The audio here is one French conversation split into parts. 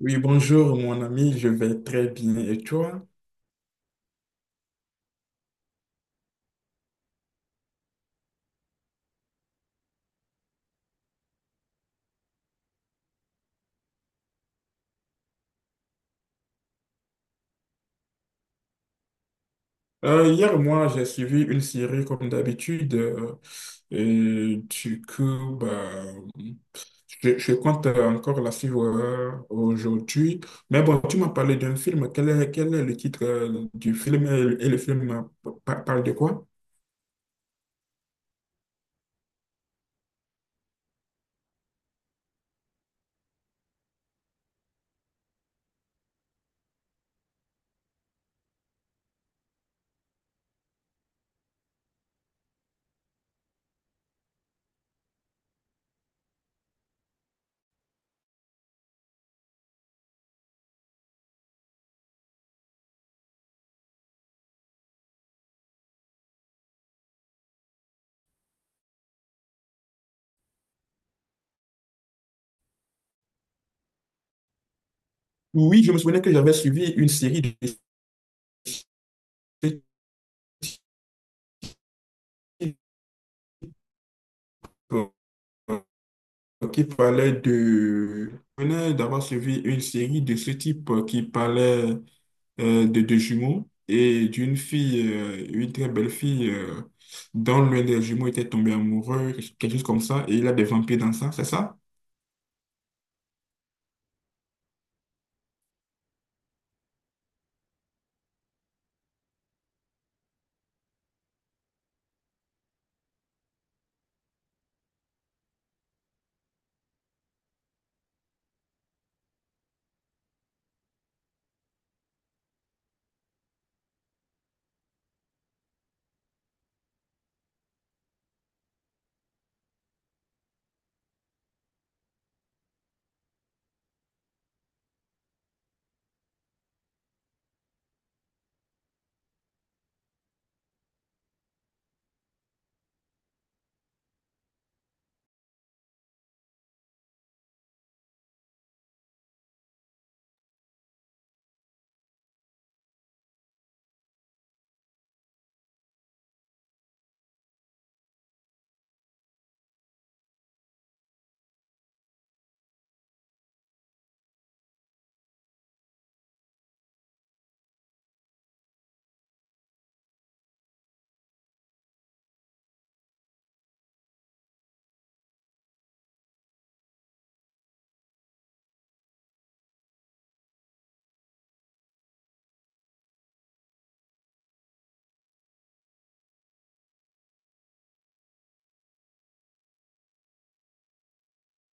Oui, bonjour mon ami, je vais très bien. Et toi? Hier, moi, j'ai suivi une série comme d'habitude. Et du coup, bah, je compte encore la suivre aujourd'hui. Mais bon, tu m'as parlé d'un film. Quel est le titre du film, et le film parle de quoi? Oui, je me souvenais que j'avais suivi une série de ce type euh, qui parlait de… Je venais d'avoir suivi une série de ce type qui parlait de deux jumeaux et d'une fille, une très belle fille, dont l'un des jumeaux était tombé amoureux, quelque chose comme ça, et il a des vampires dans ça, c'est ça?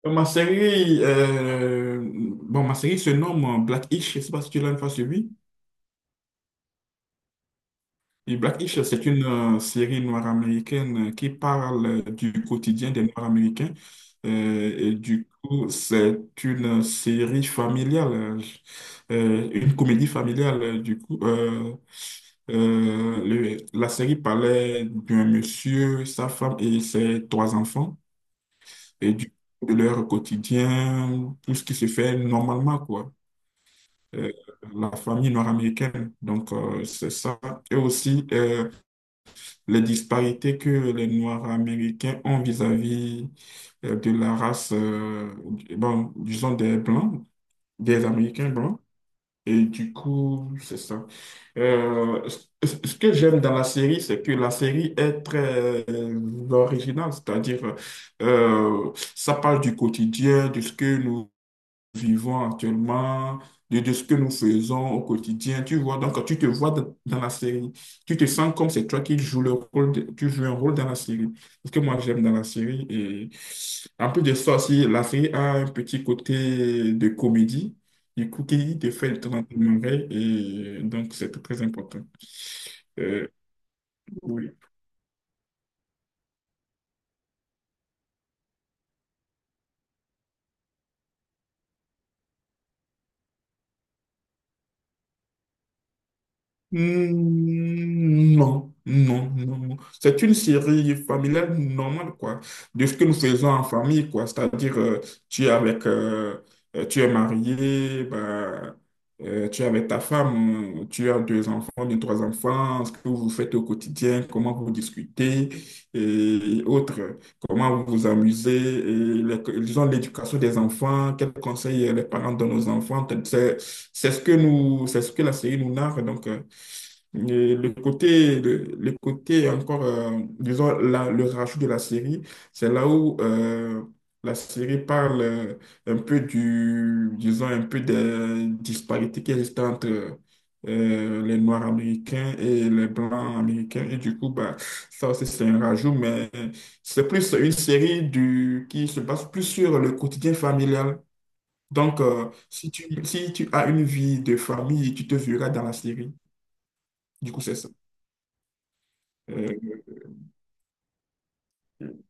Ma série, bon, ma série se nomme Black-ish, je sais pas si tu l'as une fois suivi. Et Black Isles, c'est une série noire américaine qui parle du quotidien des Noirs américains. Et du coup, c'est une série familiale, une comédie familiale. Du coup, la série parlait d'un monsieur, sa femme et ses trois enfants, et de leur quotidien, tout ce qui se fait normalement, quoi. Euh, la famille noire américaine. Donc, c'est ça. Et aussi, les disparités que les Noirs américains ont vis-à-vis de la race, bon, disons des Blancs, des Américains blancs. Et du coup, c'est ça. Euh, ce Ce que j'aime dans la série, c'est que la série est très originale, c'est-à-dire ça parle du quotidien, de ce que nous vivons actuellement, de ce que nous faisons au quotidien. Tu vois, donc tu te vois dans la série. Tu te sens comme c'est toi qui joues le rôle, tu joues un rôle dans la série. Ce que moi j'aime dans la série. Et en plus de ça aussi, la série a un petit côté de comédie. Du coup, qui te fait le temps d'en, et donc c'est très important. Euh, oui. Hmm, non, non, non. Non. C'est une série familiale normale, quoi, de ce que nous faisons en famille, quoi. C'est-à-dire, tu es avec, tu es marié, bah, tu es avec ta femme, tu as deux enfants, bien trois enfants, ce que vous faites au quotidien, comment vous discutez et autres, comment vous vous amusez, et disons l'éducation des enfants, quels conseils les parents donnent aux enfants. C'est ce que nous, c'est ce que la série nous narre, donc. Et le côté, le côté encore, disons, le rajout de la série, c'est là où la série parle un peu du, disons, un peu des disparités qui existent entre les Noirs américains et les Blancs américains. Et du coup, bah, ça aussi, c'est un rajout, mais c'est plus une série du, qui se base plus sur le quotidien familial. Donc, si tu, si tu as une vie de famille, tu te verras dans la série. Du coup, c'est ça. Euh, Mm.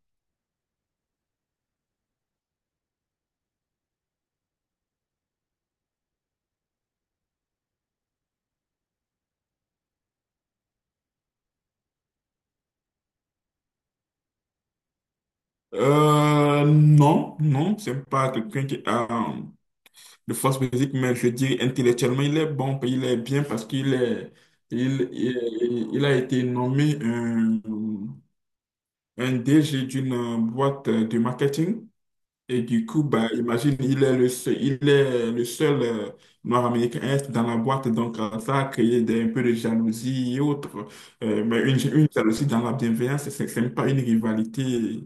Non, non, c'est pas quelqu'un qui a euh, de force physique, mais je dis intellectuellement, il est bon, puis il est bien parce qu'il est, il a été nommé un DG d'une boîte de marketing. Et du coup, bah, imagine, il est le seul, il est le seul noir américain est dans la boîte, donc ça a créé un peu de jalousie et autres. Mais une jalousie dans la bienveillance, c'est même pas une rivalité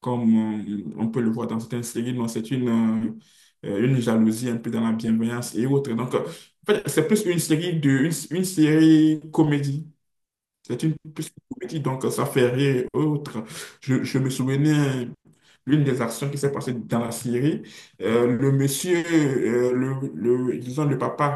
comme on peut le voir dans certaines séries, non, c'est une jalousie un peu dans la bienveillance et autres. Donc, en fait, c'est plus une série une série comédie. C'est une plus une comédie, donc ça fait rire et autres. Je me souvenais l'une des actions qui s'est passée dans la Syrie. Le monsieur, disons le papa,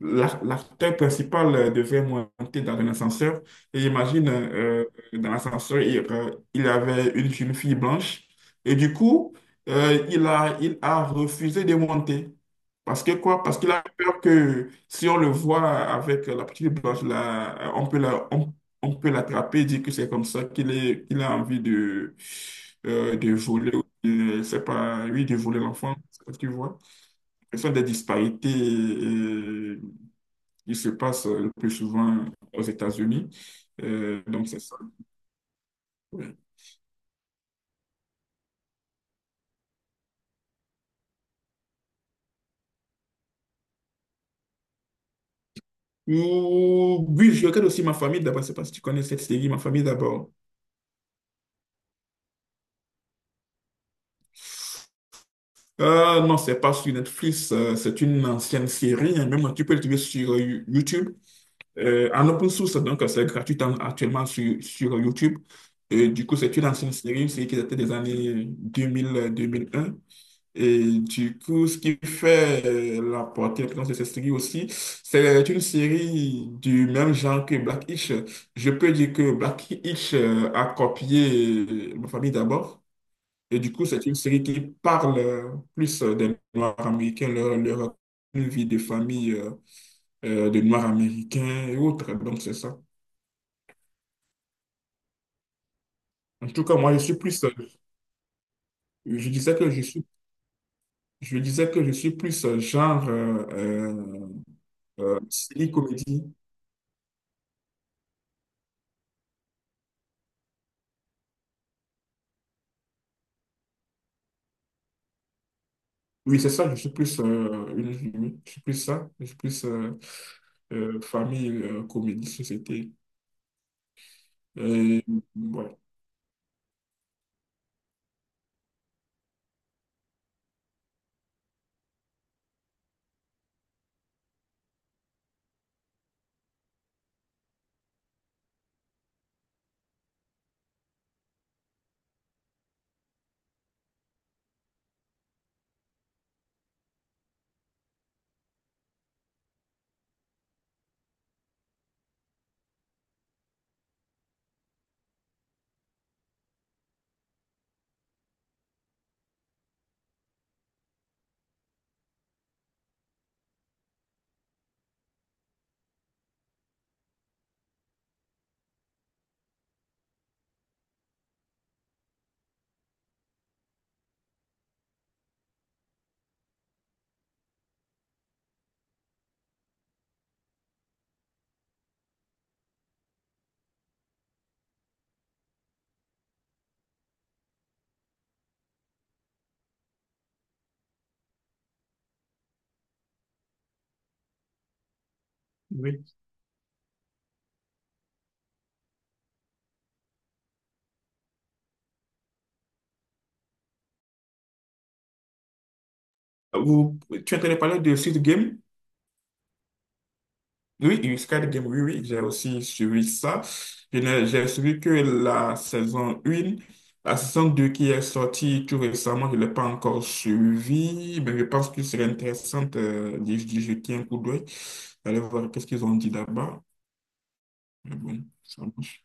l'acteur principal devait monter dans un ascenseur. Et imagine, dans l'ascenseur, il avait une jeune fille blanche. Et du coup, il a refusé de monter. Parce que quoi? Parce qu'il a peur que si on le voit avec la petite blanche là, on peut on peut l'attraper, dire que c'est comme ça qu'il est, qu'il a envie de voler, c'est pas, oui, de voler l'enfant, tu vois. Ce sont des disparités qui se passent le plus souvent aux États-Unis. Donc, c'est ça. Ouais. Oui, je regarde aussi Ma famille d'abord. Je sais pas si tu connais cette série, Ma famille d'abord. Non, c'est pas sur Netflix, c'est une ancienne série. Hein. Même tu peux le trouver sur YouTube. En open source, donc c'est gratuit actuellement sur, sur YouTube. Et du coup, c'est une ancienne série, une qui datait des années 2000-2001. Et du coup, ce qui fait la portée, l'importance de cette série aussi, c'est une série du même genre que Black Hitch. Je peux dire que Black Hitch a copié Ma famille d'abord. Et du coup, c'est une série qui parle plus des Noirs américains, leur vie de famille de Noirs américains et autres. Donc, c'est ça. En tout cas, moi, je suis plus, je disais que je suis, je disais que je suis plus genre silly comedy. Oui, c'est ça, je suis plus, je suis plus ça, je suis plus famille, comédie, société. Euh, ouais, oui. Vous, tu entendais parler de Squid Game? Oui, une Squid Game, oui, oui, j'ai aussi suivi ça. Je n'ai- J'ai suivi que la saison 1. La saison 2 qui est sortie tout récemment, je ne l'ai pas encore suivi, mais je pense que serait intéressant d'y jeter un coup d'œil, d'aller voir qu'est-ce qu'ils ont dit là-bas. Mais bon, ça marche.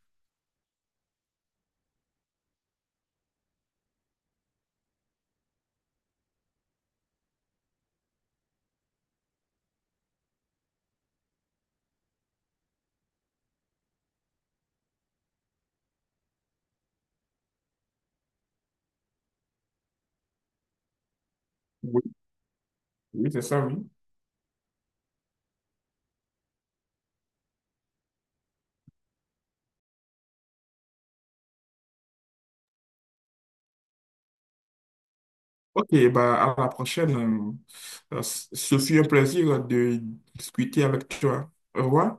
Oui, oui, c'est ça, oui. Ok, bah, à la prochaine. Ce fut un plaisir de discuter avec toi. Au revoir.